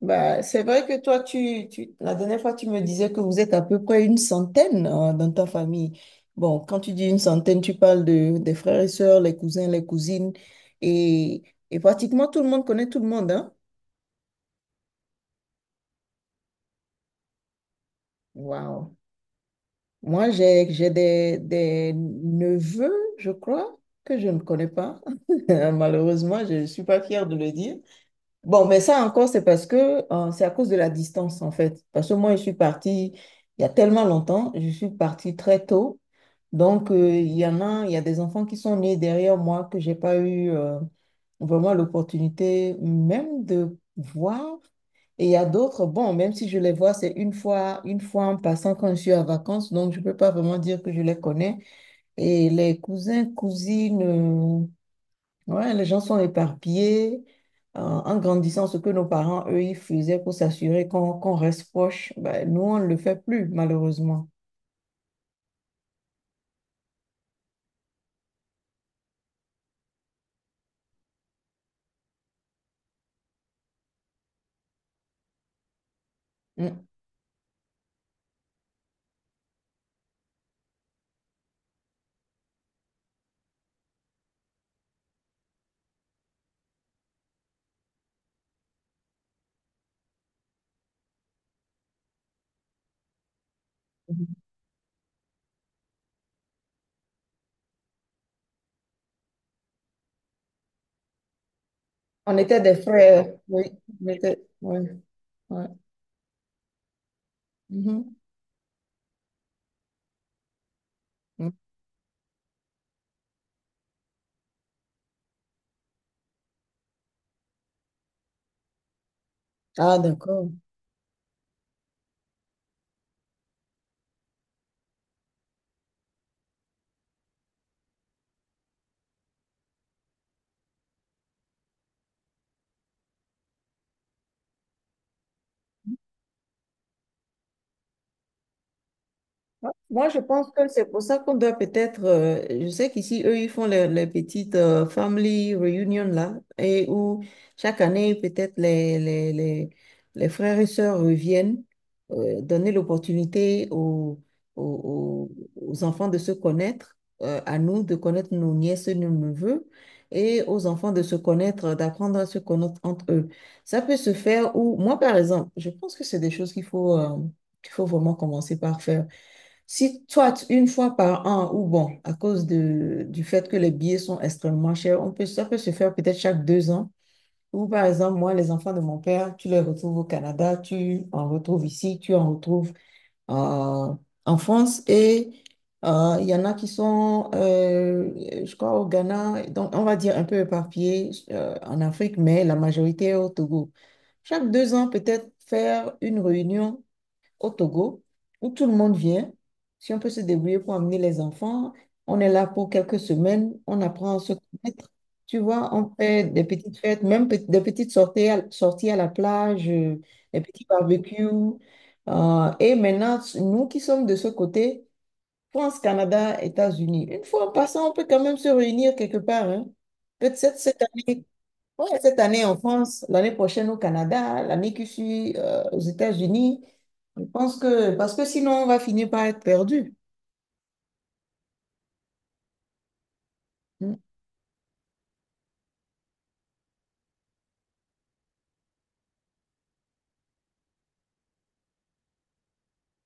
Bah, c'est vrai que toi, la dernière fois, tu me disais que vous êtes à peu près une centaine dans ta famille. Bon, quand tu dis une centaine, tu parles des frères et sœurs, les cousins, les cousines, et, et pratiquement tout le monde connaît tout le monde, hein? Waouh! Moi, j'ai des neveux, je crois, que je ne connais pas. Malheureusement, je ne suis pas fière de le dire. Bon, mais ça encore, c'est parce que c'est à cause de la distance, en fait. Parce que moi, je suis partie il y a tellement longtemps, je suis partie très tôt. Donc, il y a des enfants qui sont nés derrière moi que j'ai pas eu vraiment l'opportunité même de voir. Et il y a d'autres, bon, même si je les vois, c'est une fois en passant quand je suis en vacances, donc je peux pas vraiment dire que je les connais. Et les cousins, cousines, ouais, les gens sont éparpillés en grandissant ce que nos parents, eux, ils faisaient pour s'assurer qu'on reste proche. Ben, nous, on ne le fait plus, malheureusement. Mm. Mhm. On était des frères. Oui, ouais, ouais. Mhm. Mm. Ah, d'accord. Moi, je pense que c'est pour ça qu'on doit peut-être, je sais qu'ici, eux, ils font les petites family reunion là, et où chaque année, peut-être les frères et sœurs reviennent, donner l'opportunité aux, aux enfants de se connaître, à nous de connaître nos nièces et nos neveux, et aux enfants de se connaître, d'apprendre à se connaître entre eux. Ça peut se faire où, moi, par exemple, je pense que c'est des choses qu'il faut vraiment commencer par faire. Si toi, une fois par an, ou bon, à cause du fait que les billets sont extrêmement chers, ça peut se faire peut-être chaque deux ans. Ou par exemple, moi, les enfants de mon père, tu les retrouves au Canada, tu en retrouves ici, tu en retrouves euh, en France. Et il y en a qui sont, je crois, au Ghana, donc on va dire un peu éparpillés en Afrique, mais la majorité est au Togo. Chaque deux ans, peut-être faire une réunion au Togo où tout le monde vient. Si on peut se débrouiller pour amener les enfants, on est là pour quelques semaines, on apprend à se connaître. Tu vois, on fait des petites fêtes, des petites sorties sorties à la plage, des petits barbecues. Et maintenant, nous qui sommes de ce côté, France, Canada, États-Unis, une fois en passant, on peut quand même se réunir quelque part, hein. Peut-être cette année, ouais, cette année en France, l'année prochaine au Canada, l'année qui suit aux États-Unis. Je pense que, parce que sinon, on va finir par être perdu. Mm.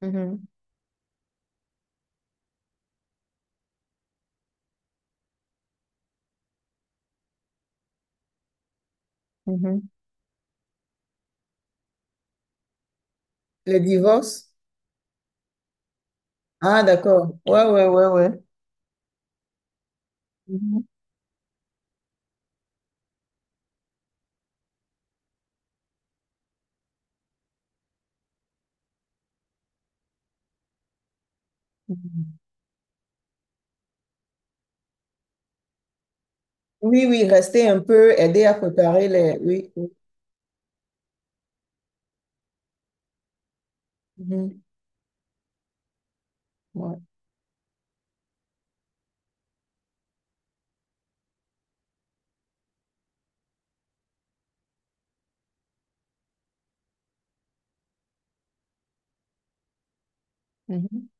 Mhm. Mhm. Le divorce? Ah, d'accord. Ouais, ouais, ouais, ouais. Mhm. Mhm. Oui, oui, rester un peu, aider à préparer les… Oui, oui. Mhm, ouais. Mhm.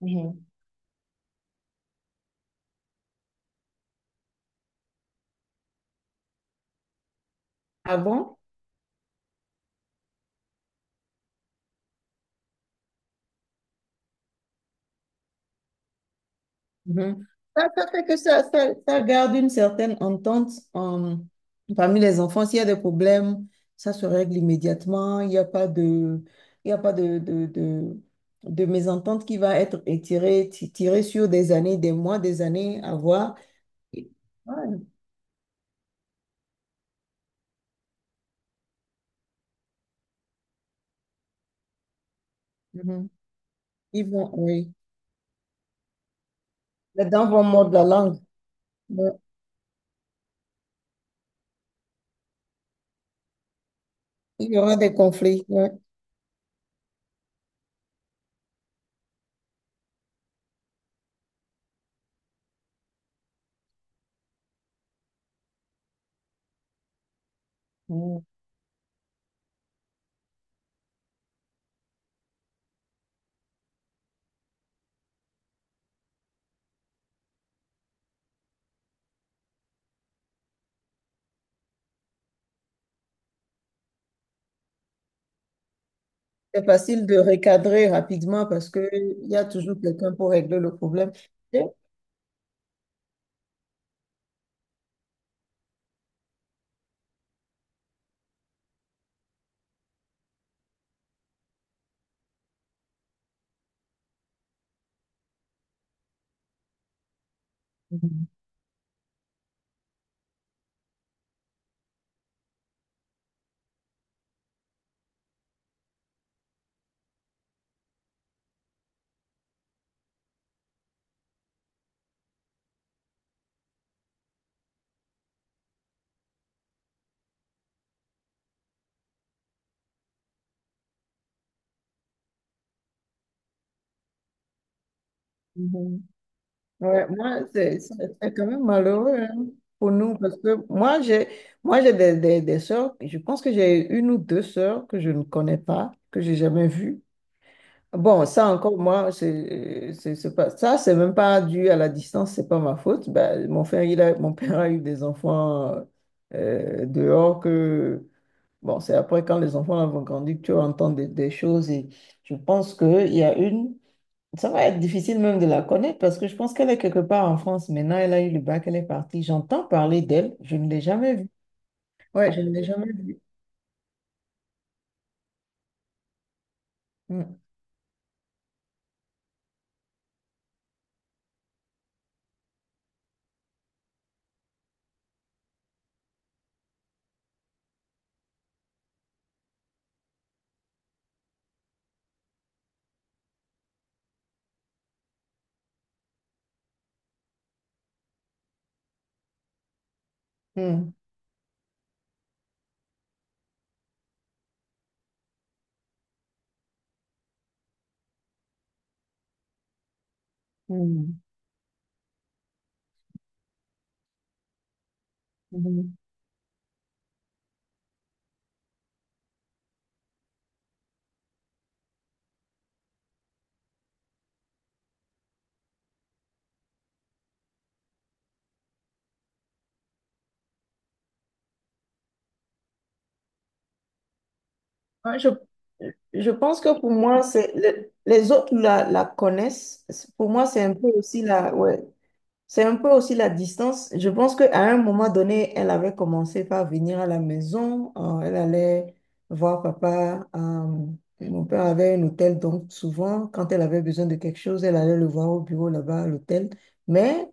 Mhm. Ah bon? Mhm. Ça fait que ça garde une certaine entente euh, parmi les enfants. S'il y a des problèmes, ça se règle immédiatement. Il y a pas de mésentente qui va être étirée, tirée sur des années, des mois, des années à voir. Et- ouais. Mhm. Ils vont, oui. Les dents vont mordre la langue. Ouais. Il y aura des conflits, ouais. C'est facile de recadrer rapidement parce que il y a toujours quelqu'un pour régler le problème. Et mhm. Mhm. Ouais, moi, c'est quand même malheureux hein, pour nous parce que moi j'ai des sœurs, je pense que j'ai une ou deux sœurs que je ne connais pas, que j'ai jamais vues. Bon, ça encore, moi, c'est même pas dû à la distance, c'est pas ma faute. Ben, mon père a eu des enfants dehors que, bon, c'est après quand les enfants vont grandir que tu entends des choses et je pense qu'il y a une, ça va être difficile même de la connaître parce que je pense qu'elle est quelque part en France. Maintenant, elle a eu le bac, elle est partie. J'entends parler d'elle, je ne l'ai jamais vue. Ouais, je ne l'ai jamais vue. Mm, mm, mm, mm. Ouais, je pense que pour moi, les autres la connaissent. Pour moi, c'est un peu aussi la, ouais, c'est un peu aussi la distance. Je pense qu'à un moment donné, elle avait commencé par venir à la maison. Elle allait voir papa. Mon père avait un hôtel, donc souvent, quand elle avait besoin de quelque chose, elle allait le voir au bureau là-bas à l'hôtel. Mais,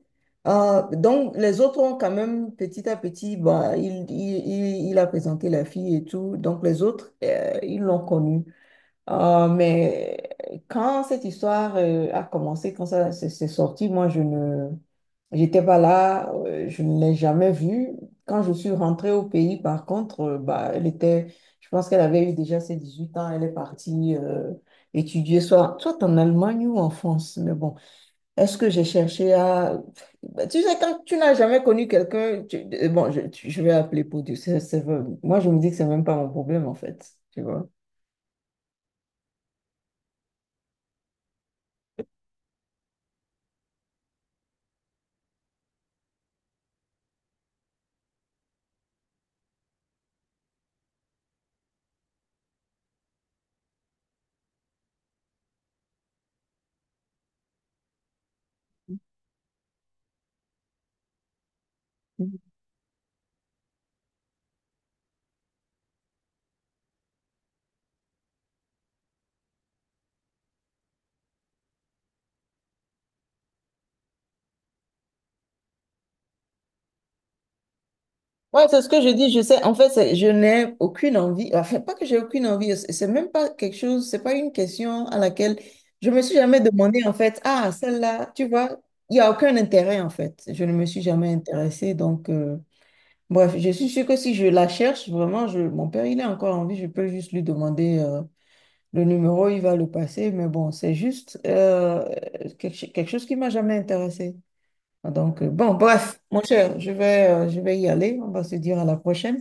donc, les autres ont quand même, petit à petit, bah, il a présenté la fille et tout. Donc, les autres, ils l'ont connue. Mais quand cette histoire a commencé, quand ça s'est s'est sorti, moi, je ne, j'étais pas là, je ne l'ai jamais vue. Quand je suis rentrée au pays, par contre, bah, je pense qu'elle avait eu déjà ses 18 ans, elle est partie étudier, soit en Allemagne ou en France. Mais bon, est-ce que j'ai cherché à… Bah, tu sais, quand tu n'as jamais connu quelqu'un, je vais appeler pour Dieu. Moi, je me dis que c'est même pas mon problème, en fait. Tu vois. Ouais, c'est ce que je dis. Je sais, en fait, je n'ai aucune envie. Enfin, pas que j'ai aucune envie. C'est même pas quelque chose, c'est pas une question à laquelle je me suis jamais demandé, en fait, ah, celle-là, tu vois, il n'y a aucun intérêt, en fait. Je ne me suis jamais intéressée. Donc, bref, je suis sûre que si je la cherche, vraiment, mon père, il est encore en vie. Je peux juste lui demander le numéro, il va le passer. Mais bon, c'est juste quelque chose qui m'a jamais intéressée. Donc, bon, bref, mon cher, je vais y aller. On va se dire à la prochaine.